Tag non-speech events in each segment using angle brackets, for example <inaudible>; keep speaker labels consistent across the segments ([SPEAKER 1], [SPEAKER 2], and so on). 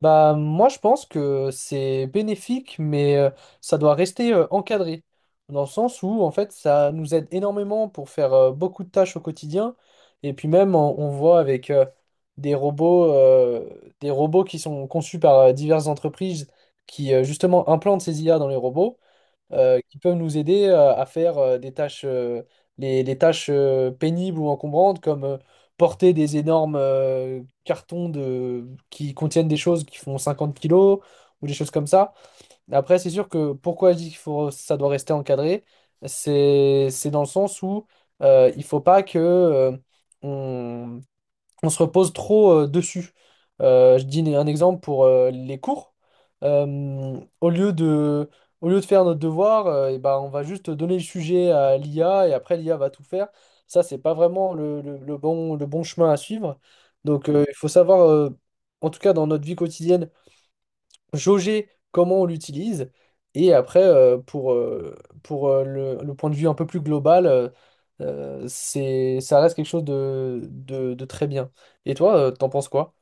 [SPEAKER 1] Bah, moi, je pense que c'est bénéfique, mais ça doit rester encadré. Dans le sens où, en fait, ça nous aide énormément pour faire beaucoup de tâches au quotidien. Et puis même, on voit avec des robots, euh, des robots qui sont conçus par diverses entreprises qui, justement, implantent ces IA dans les robots qui peuvent nous aider à faire des tâches, les tâches pénibles ou encombrantes, comme porter des énormes cartons qui contiennent des choses qui font 50 kilos ou des choses comme ça. Après, c'est sûr que pourquoi je dis qu'il faut, ça doit rester encadré, c'est dans le sens où il faut pas que euh, on se repose trop dessus. Je dis un exemple pour les cours. Euh, au lieu de, Au lieu de faire notre devoir, eh ben, on va juste donner le sujet à l'IA et après l'IA va tout faire. Ça, c'est pas vraiment le bon chemin à suivre. Donc, il faut savoir, en tout cas dans notre vie quotidienne, jauger comment on l'utilise. Et après, pour le point de vue un peu plus global, ça reste quelque chose de très bien. Et toi, t'en penses quoi?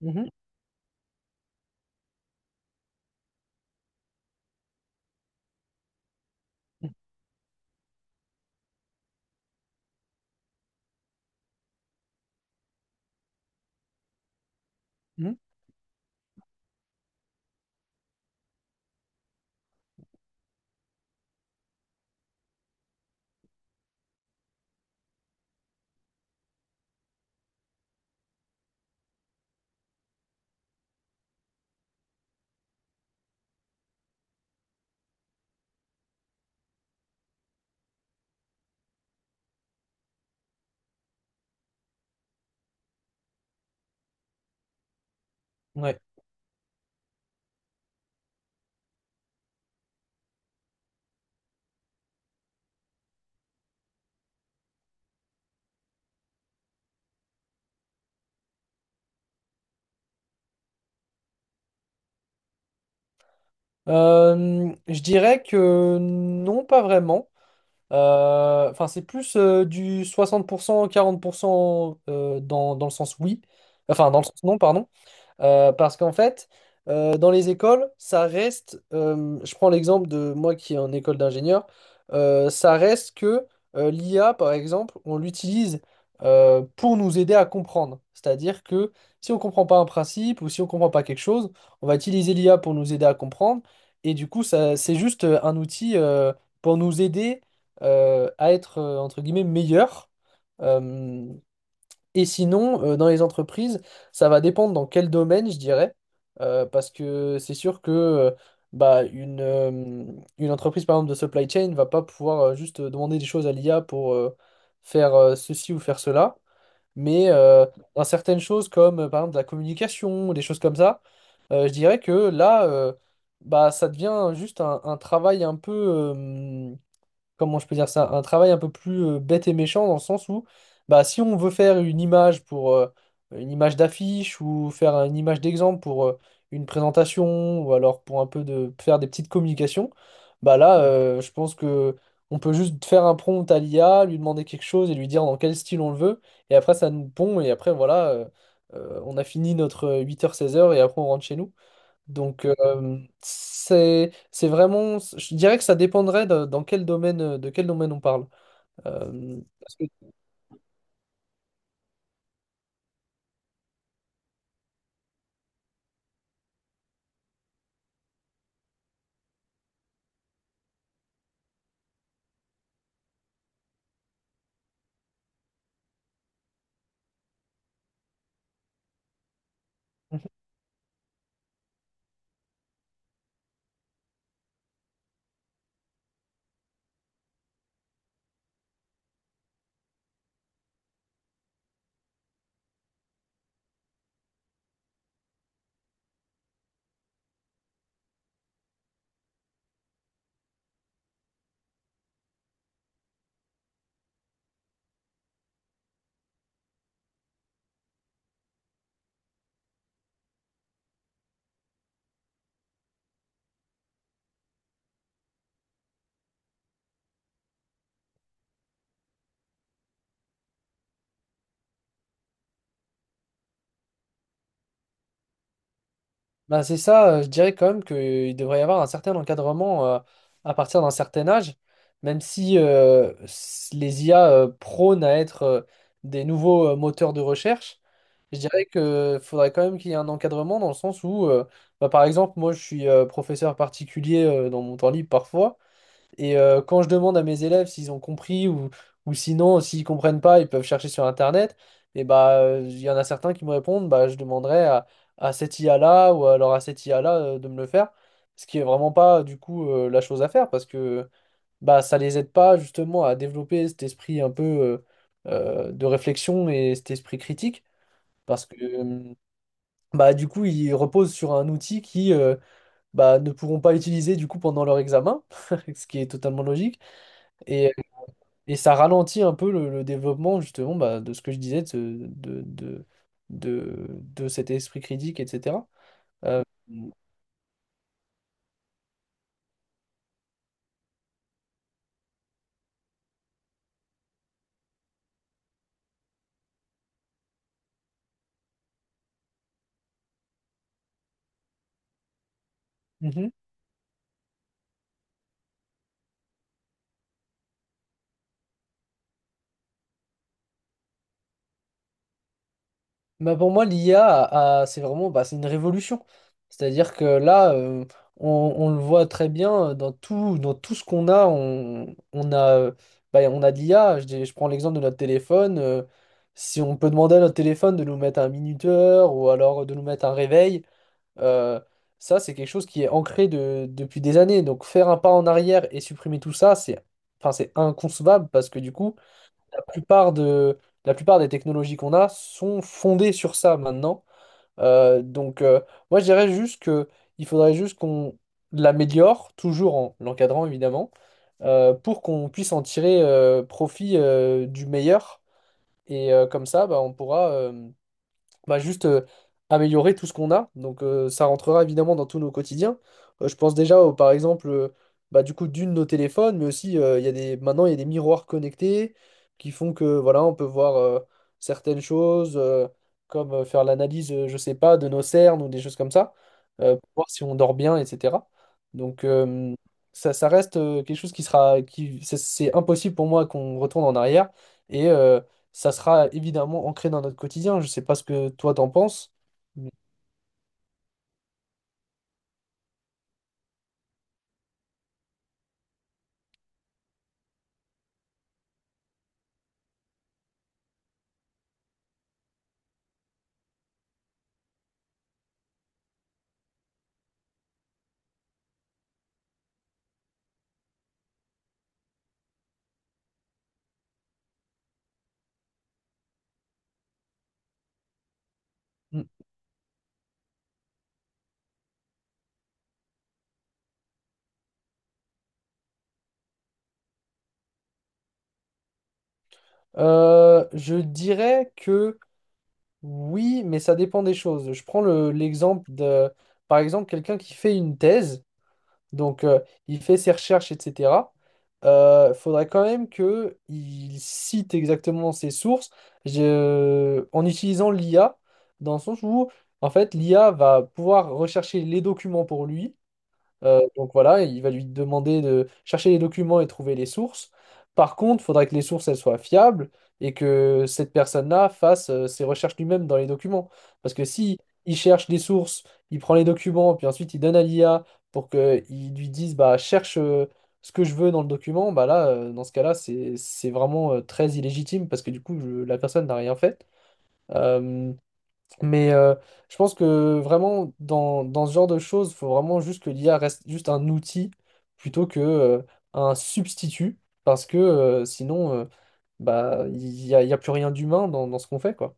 [SPEAKER 1] Mhm, mhm. Ouais. Je dirais que non, pas vraiment. Enfin, c'est plus du 60%, 40% dans le sens oui. Enfin, dans le sens non, pardon. Parce qu'en fait, dans les écoles, ça reste, je prends l'exemple de moi qui est en école d'ingénieur, ça reste que l'IA, par exemple, on l'utilise pour nous aider à comprendre. C'est-à-dire que si on ne comprend pas un principe ou si on ne comprend pas quelque chose, on va utiliser l'IA pour nous aider à comprendre. Et du coup, ça, c'est juste un outil pour nous aider à être, entre guillemets, meilleur. Et sinon, dans les entreprises, ça va dépendre dans quel domaine, je dirais. Parce que c'est sûr que bah, une entreprise, par exemple, de supply chain, ne va pas pouvoir juste demander des choses à l'IA pour faire ceci ou faire cela. Mais dans certaines choses comme par exemple de la communication, des choses comme ça, je dirais que là, bah, ça devient juste un travail un peu, comment je peux dire ça, un travail un peu plus bête et méchant, dans le sens où bah, si on veut faire une image pour une image d'affiche ou faire une image d'exemple pour une présentation ou alors pour un peu de faire des petites communications, bah là je pense que on peut juste faire un prompt à l'IA, lui demander quelque chose et lui dire dans quel style on le veut, et après ça nous pond et après voilà on a fini notre 8h-16h et après on rentre chez nous. Donc, c'est vraiment, je dirais que ça dépendrait dans quel domaine, de quel domaine on parle. Euh, parce que- Bah, c'est ça, je dirais quand même qu'il devrait y avoir un certain encadrement à partir d'un certain âge, même si les IA prônent à être des nouveaux moteurs de recherche. Je dirais que faudrait quand même qu'il y ait un encadrement dans le sens où, bah, par exemple, moi je suis professeur particulier dans mon temps libre parfois. Et quand je demande à mes élèves s'ils ont compris ou sinon, s'ils comprennent pas, ils peuvent chercher sur Internet. Et bah, il y en a certains qui me répondent, bah, je demanderai à cette IA-là ou alors à cette IA-là de me le faire. Ce qui est vraiment pas, du coup, la chose à faire, parce que bah, ça les aide pas justement à développer cet esprit un peu de réflexion et cet esprit critique, parce que bah, du coup, ils reposent sur un outil qui bah, ne pourront pas utiliser du coup pendant leur examen, <laughs> ce qui est totalement logique. Et et ça ralentit un peu le développement, justement bah, de ce que je disais, de, ce- de cet esprit critique, etc. Euh, mhm. Bah, pour moi, l'IA, c'est vraiment bah, c'est une révolution. C'est-à-dire que là, on, on le voit très bien dans tout ce qu'on a, bah, on a de l'IA. Je prends l'exemple de notre téléphone. Si on peut demander à notre téléphone de nous mettre un minuteur ou alors de nous mettre un réveil, Euh, ça, c'est quelque chose qui est ancré depuis des années. Donc faire un pas en arrière et supprimer tout ça, c'est enfin, c'est inconcevable, parce que du coup, la plupart de, la plupart des technologies qu'on a sont fondées sur ça maintenant. Donc moi, je dirais juste que il faudrait juste qu'on l'améliore, toujours en l'encadrant évidemment, pour qu'on puisse en tirer profit du meilleur. Et comme ça, bah, va juste améliorer tout ce qu'on a. Donc ça rentrera évidemment dans tous nos quotidiens. Je pense déjà, par exemple, bah, du coup, nos téléphones, mais aussi, il y a des, maintenant, il y a des miroirs connectés qui font que, voilà, on peut voir certaines choses, comme faire l'analyse, je sais pas, de nos cernes ou des choses comme ça, pour voir si on dort bien, etc. Donc ça reste quelque chose qui sera, qui, c'est impossible pour moi qu'on retourne en arrière. Et, ça sera évidemment ancré dans notre quotidien. Je sais pas ce que toi t'en penses. mais- Mm. Je dirais que oui, mais ça dépend des choses. Je prends l'exemple par exemple, quelqu'un qui fait une thèse, donc il fait ses recherches, etc. Faudrait quand même que il cite exactement ses sources en utilisant l'IA, dans le sens où, en fait, l'IA va pouvoir rechercher les documents pour lui. Donc voilà, il va lui demander de chercher les documents et trouver les sources. Par contre, il faudra que les sources elles soient fiables et que cette personne-là fasse ses recherches lui-même dans les documents. Parce que si il cherche des sources, il prend les documents, puis ensuite il donne à l'IA pour qu'il lui dise bah cherche ce que je veux dans le document, bah là, dans ce cas-là, c'est vraiment très illégitime, parce que du coup, la personne n'a rien fait. Euh, mais je pense que vraiment, dans ce genre de choses, il faut vraiment juste que l'IA reste juste un outil plutôt que un substitut, parce que sinon, bah, il y a plus rien d'humain dans ce qu'on fait, quoi.